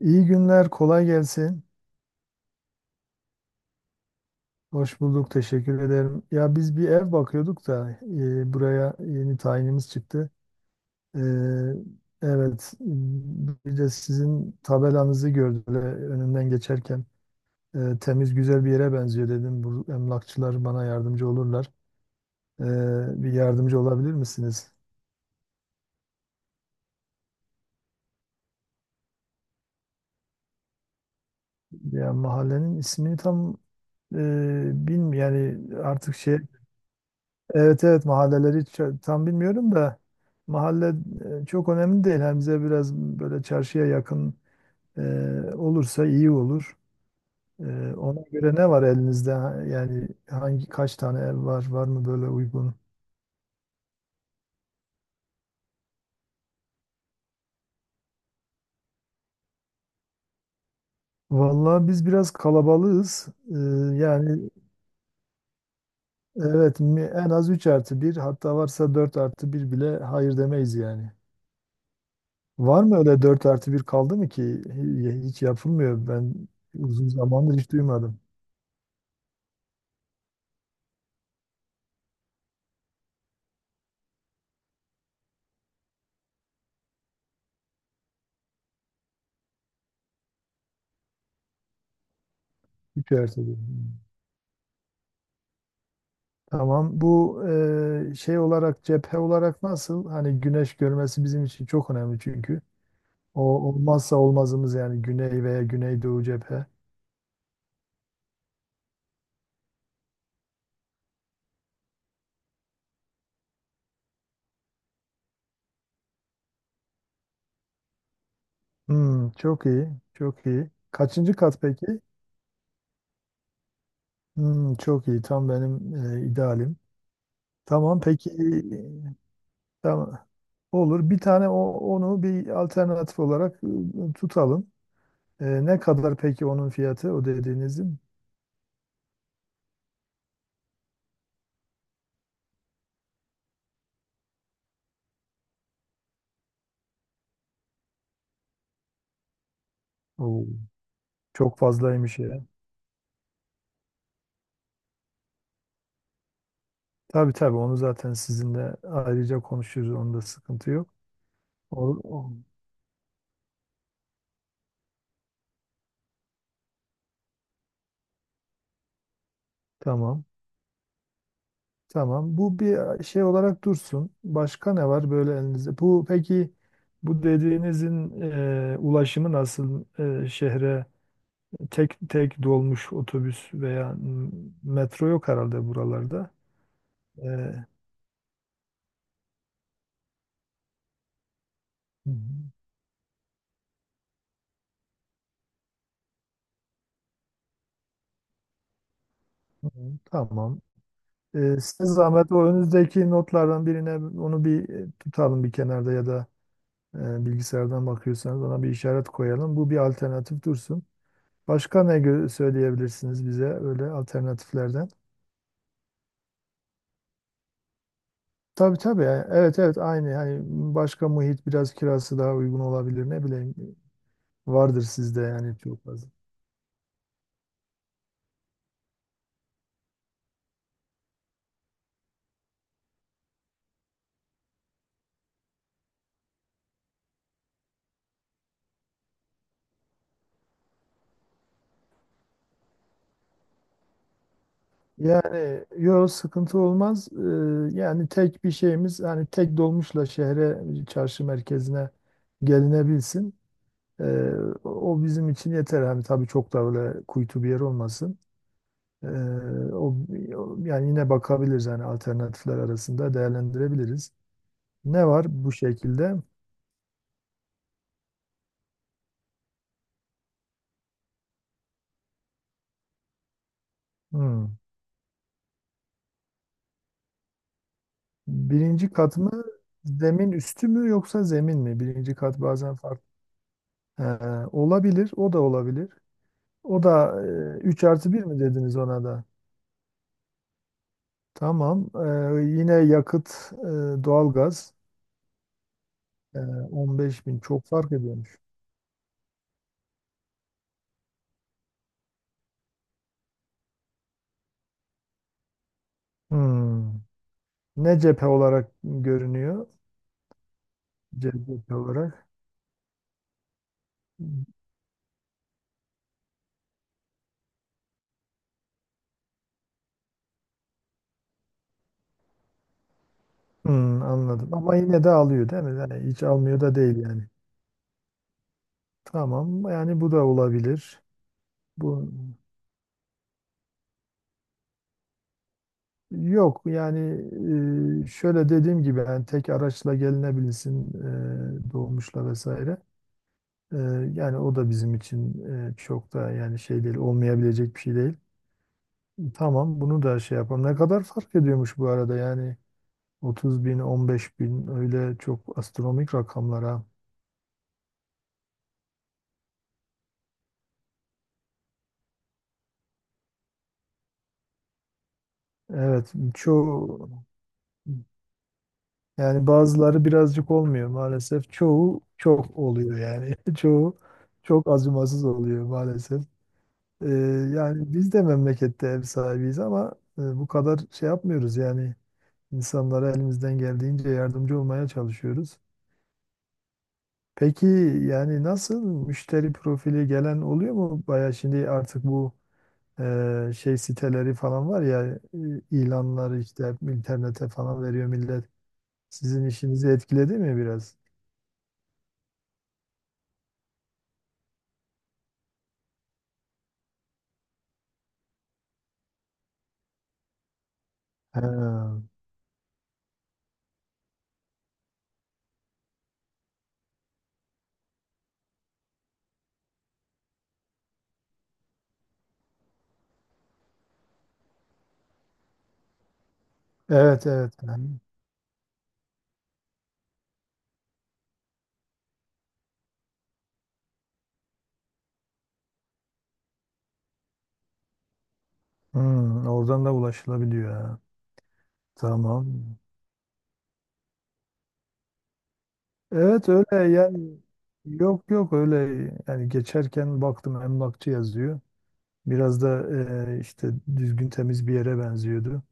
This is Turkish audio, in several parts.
İyi günler, kolay gelsin. Hoş bulduk, teşekkür ederim. Ya biz bir ev bakıyorduk da buraya yeni tayinimiz çıktı. E, evet, bir de sizin tabelanızı gördüm böyle önümden geçerken. Temiz, güzel bir yere benziyor dedim. Bu emlakçılar bana yardımcı olurlar. E, bir yardımcı olabilir misiniz? Ya mahallenin ismini tam e, bilmiyorum. Yani artık şey, evet, evet, mahalleleri tam bilmiyorum da mahalle çok önemli değil. Hem bize biraz böyle çarşıya yakın e, olursa iyi olur. E, ona göre ne var elinizde? Yani kaç tane ev var? Var mı böyle uygun? Vallahi biz biraz kalabalığız. Yani evet en az 3 artı bir, hatta varsa 4 artı bir bile hayır demeyiz yani. Var mı öyle, 4 artı bir kaldı mı ki? Hiç yapılmıyor. Ben uzun zamandır hiç duymadım. Üç artı bir. Tamam. Bu e, şey olarak cephe olarak nasıl? Hani güneş görmesi bizim için çok önemli çünkü. O olmazsa olmazımız, yani güney veya güneydoğu cephe. Hmm, çok iyi. Çok iyi. Kaçıncı kat peki? Hmm, çok iyi. Tam benim idealim. Tamam peki. Tamam. Olur. Bir tane onu bir alternatif olarak tutalım. Ne kadar peki onun fiyatı, o dediğinizin? Oo. Çok fazlaymış ya. Tabii tabii, onu zaten sizinle ayrıca konuşuruz. Onda sıkıntı yok. O, o- Tamam. Tamam. Bu bir şey olarak dursun. Başka ne var böyle elinizde? Peki bu dediğinizin ulaşımı nasıl? Şehre tek tek dolmuş, otobüs veya metro yok herhalde buralarda. E, hı hı, tamam. Tamam. Size zahmet o önünüzdeki notlardan birine onu bir tutalım bir kenarda, ya da bilgisayardan bakıyorsanız ona bir işaret koyalım. Bu bir alternatif dursun. Başka ne söyleyebilirsiniz bize öyle alternatiflerden? Tabii tabii. Yani evet, evet, aynı. Hani başka muhit biraz kirası daha uygun olabilir. Ne bileyim, vardır sizde yani, çok fazla. Yani yok, sıkıntı olmaz. Yani tek bir şeyimiz, hani tek dolmuşla şehre, çarşı merkezine gelinebilsin. Ee, o bizim için yeter. Hani tabii çok da öyle kuytu bir yer olmasın. Ee, o, Yani yine bakabiliriz, hani alternatifler arasında değerlendirebiliriz. Ne var bu şekilde? Hmm. Birinci kat mı, zemin üstü mü, yoksa zemin mi? Birinci kat bazen farklı. Ee, olabilir, o da olabilir. O da 3 artı bir mi dediniz ona da? Tamam. Yine yakıt, doğalgaz. Ee, 15 bin çok fark ediyormuş. Hmm. Ne cephe olarak görünüyor? Cephe olarak. Hmm, anladım. Ama yine de alıyor değil mi? Yani hiç almıyor da değil yani. Tamam. Yani bu da olabilir. Bu Yok yani şöyle dediğim gibi, yani tek araçla gelinebilsin dolmuşla vesaire. E, yani o da bizim için çok da, yani şey değil, olmayabilecek bir şey değil. Tamam, bunu da şey yapalım. Ne kadar fark ediyormuş bu arada yani, 30 bin, 15 bin, öyle çok astronomik rakamlara. Evet, çoğu yani, bazıları birazcık olmuyor maalesef, çoğu çok oluyor yani çoğu çok acımasız oluyor maalesef. Ee, Yani biz de memlekette ev sahibiyiz ama bu kadar şey yapmıyoruz yani, insanlara elimizden geldiğince yardımcı olmaya çalışıyoruz. Peki, yani nasıl, müşteri profili gelen oluyor mu? Baya şimdi artık bu şey siteleri falan var ya, ilanları işte internete falan veriyor millet. Sizin işinizi etkiledi mi biraz? Ha, evet, evet. Hmm, oradan da ulaşılabiliyor ha. Tamam. Evet öyle yani, yok yok öyle, yani geçerken baktım emlakçı yazıyor. Biraz da işte düzgün, temiz bir yere benziyordu.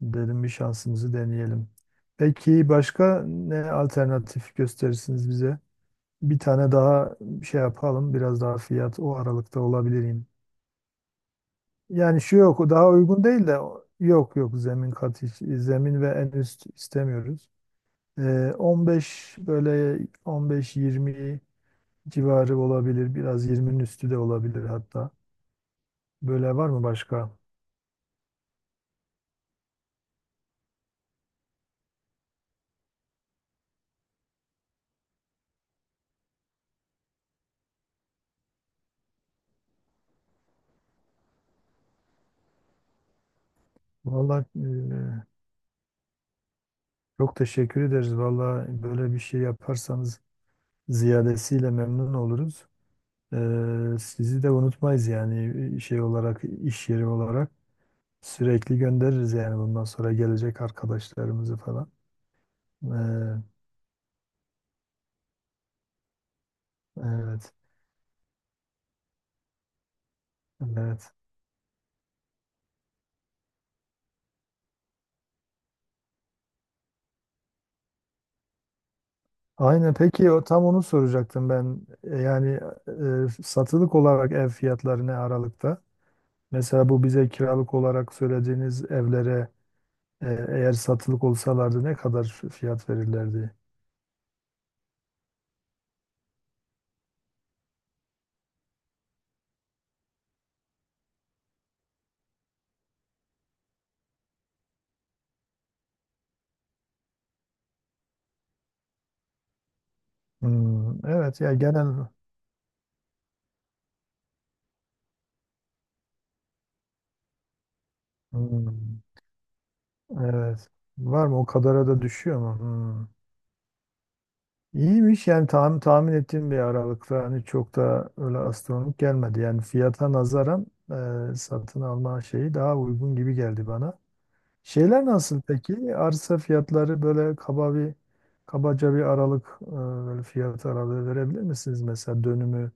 Dedim bir şansımızı deneyelim. Peki başka ne alternatif gösterirsiniz bize? Bir tane daha şey yapalım, biraz daha fiyat o aralıkta olabilir yine. Yani yok, o daha uygun değil de yok yok, zemin kat zemin ve en üst istemiyoruz. 15 böyle, 15-20 civarı olabilir. Biraz 20'nin üstü de olabilir hatta. Böyle var mı başka? Vallahi çok teşekkür ederiz. Vallahi böyle bir şey yaparsanız ziyadesiyle memnun oluruz. Sizi de unutmayız, yani şey olarak, iş yeri olarak, sürekli göndeririz yani bundan sonra gelecek arkadaşlarımızı falan. E, evet, evet. Aynen, peki o tam onu soracaktım ben. Yani satılık olarak ev fiyatları ne aralıkta? Mesela bu bize kiralık olarak söylediğiniz evlere eğer satılık olsalardı ne kadar fiyat verirlerdi? Hmm, evet ya, genel. Hmm, evet, var mı o kadara da düşüyor mu? Hmm. İyiymiş yani, tahmin ettiğim bir aralıkta, hani çok da öyle astronomik gelmedi. Yani fiyata nazaran satın alma şeyi daha uygun gibi geldi bana. Şeyler nasıl peki? Arsa fiyatları böyle kabaca bir aralık, böyle fiyat aralığı verebilir misiniz? Mesela dönümü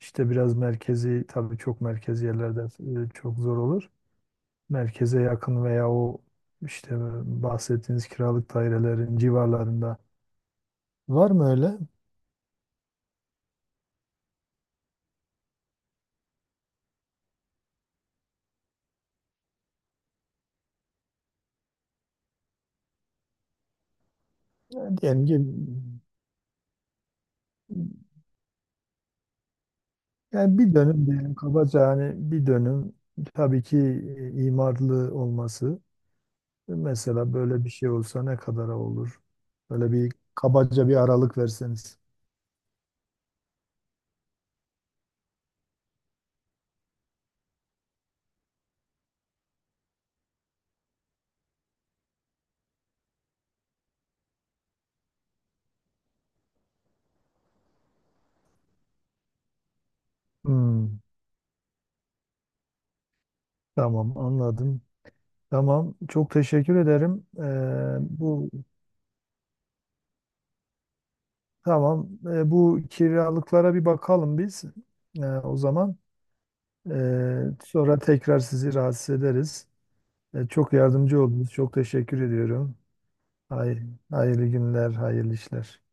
işte, biraz merkezi tabii, çok merkezi yerlerde çok zor olur. Merkeze yakın veya o işte bahsettiğiniz kiralık dairelerin civarlarında var mı öyle? Yani diyelim ki Yani bir dönüm diyelim kabaca, hani bir dönüm, tabii ki imarlı olması. Mesela böyle bir şey olsa ne kadara olur? Böyle bir kabaca bir aralık verseniz. Hmm, tamam, anladım. Tamam, çok teşekkür ederim. Bu Tamam, bu kiralıklara bir bakalım biz. O zaman, sonra tekrar sizi rahatsız ederiz. Çok yardımcı oldunuz. Çok teşekkür ediyorum. Hay- Hayırlı günler, hayırlı işler.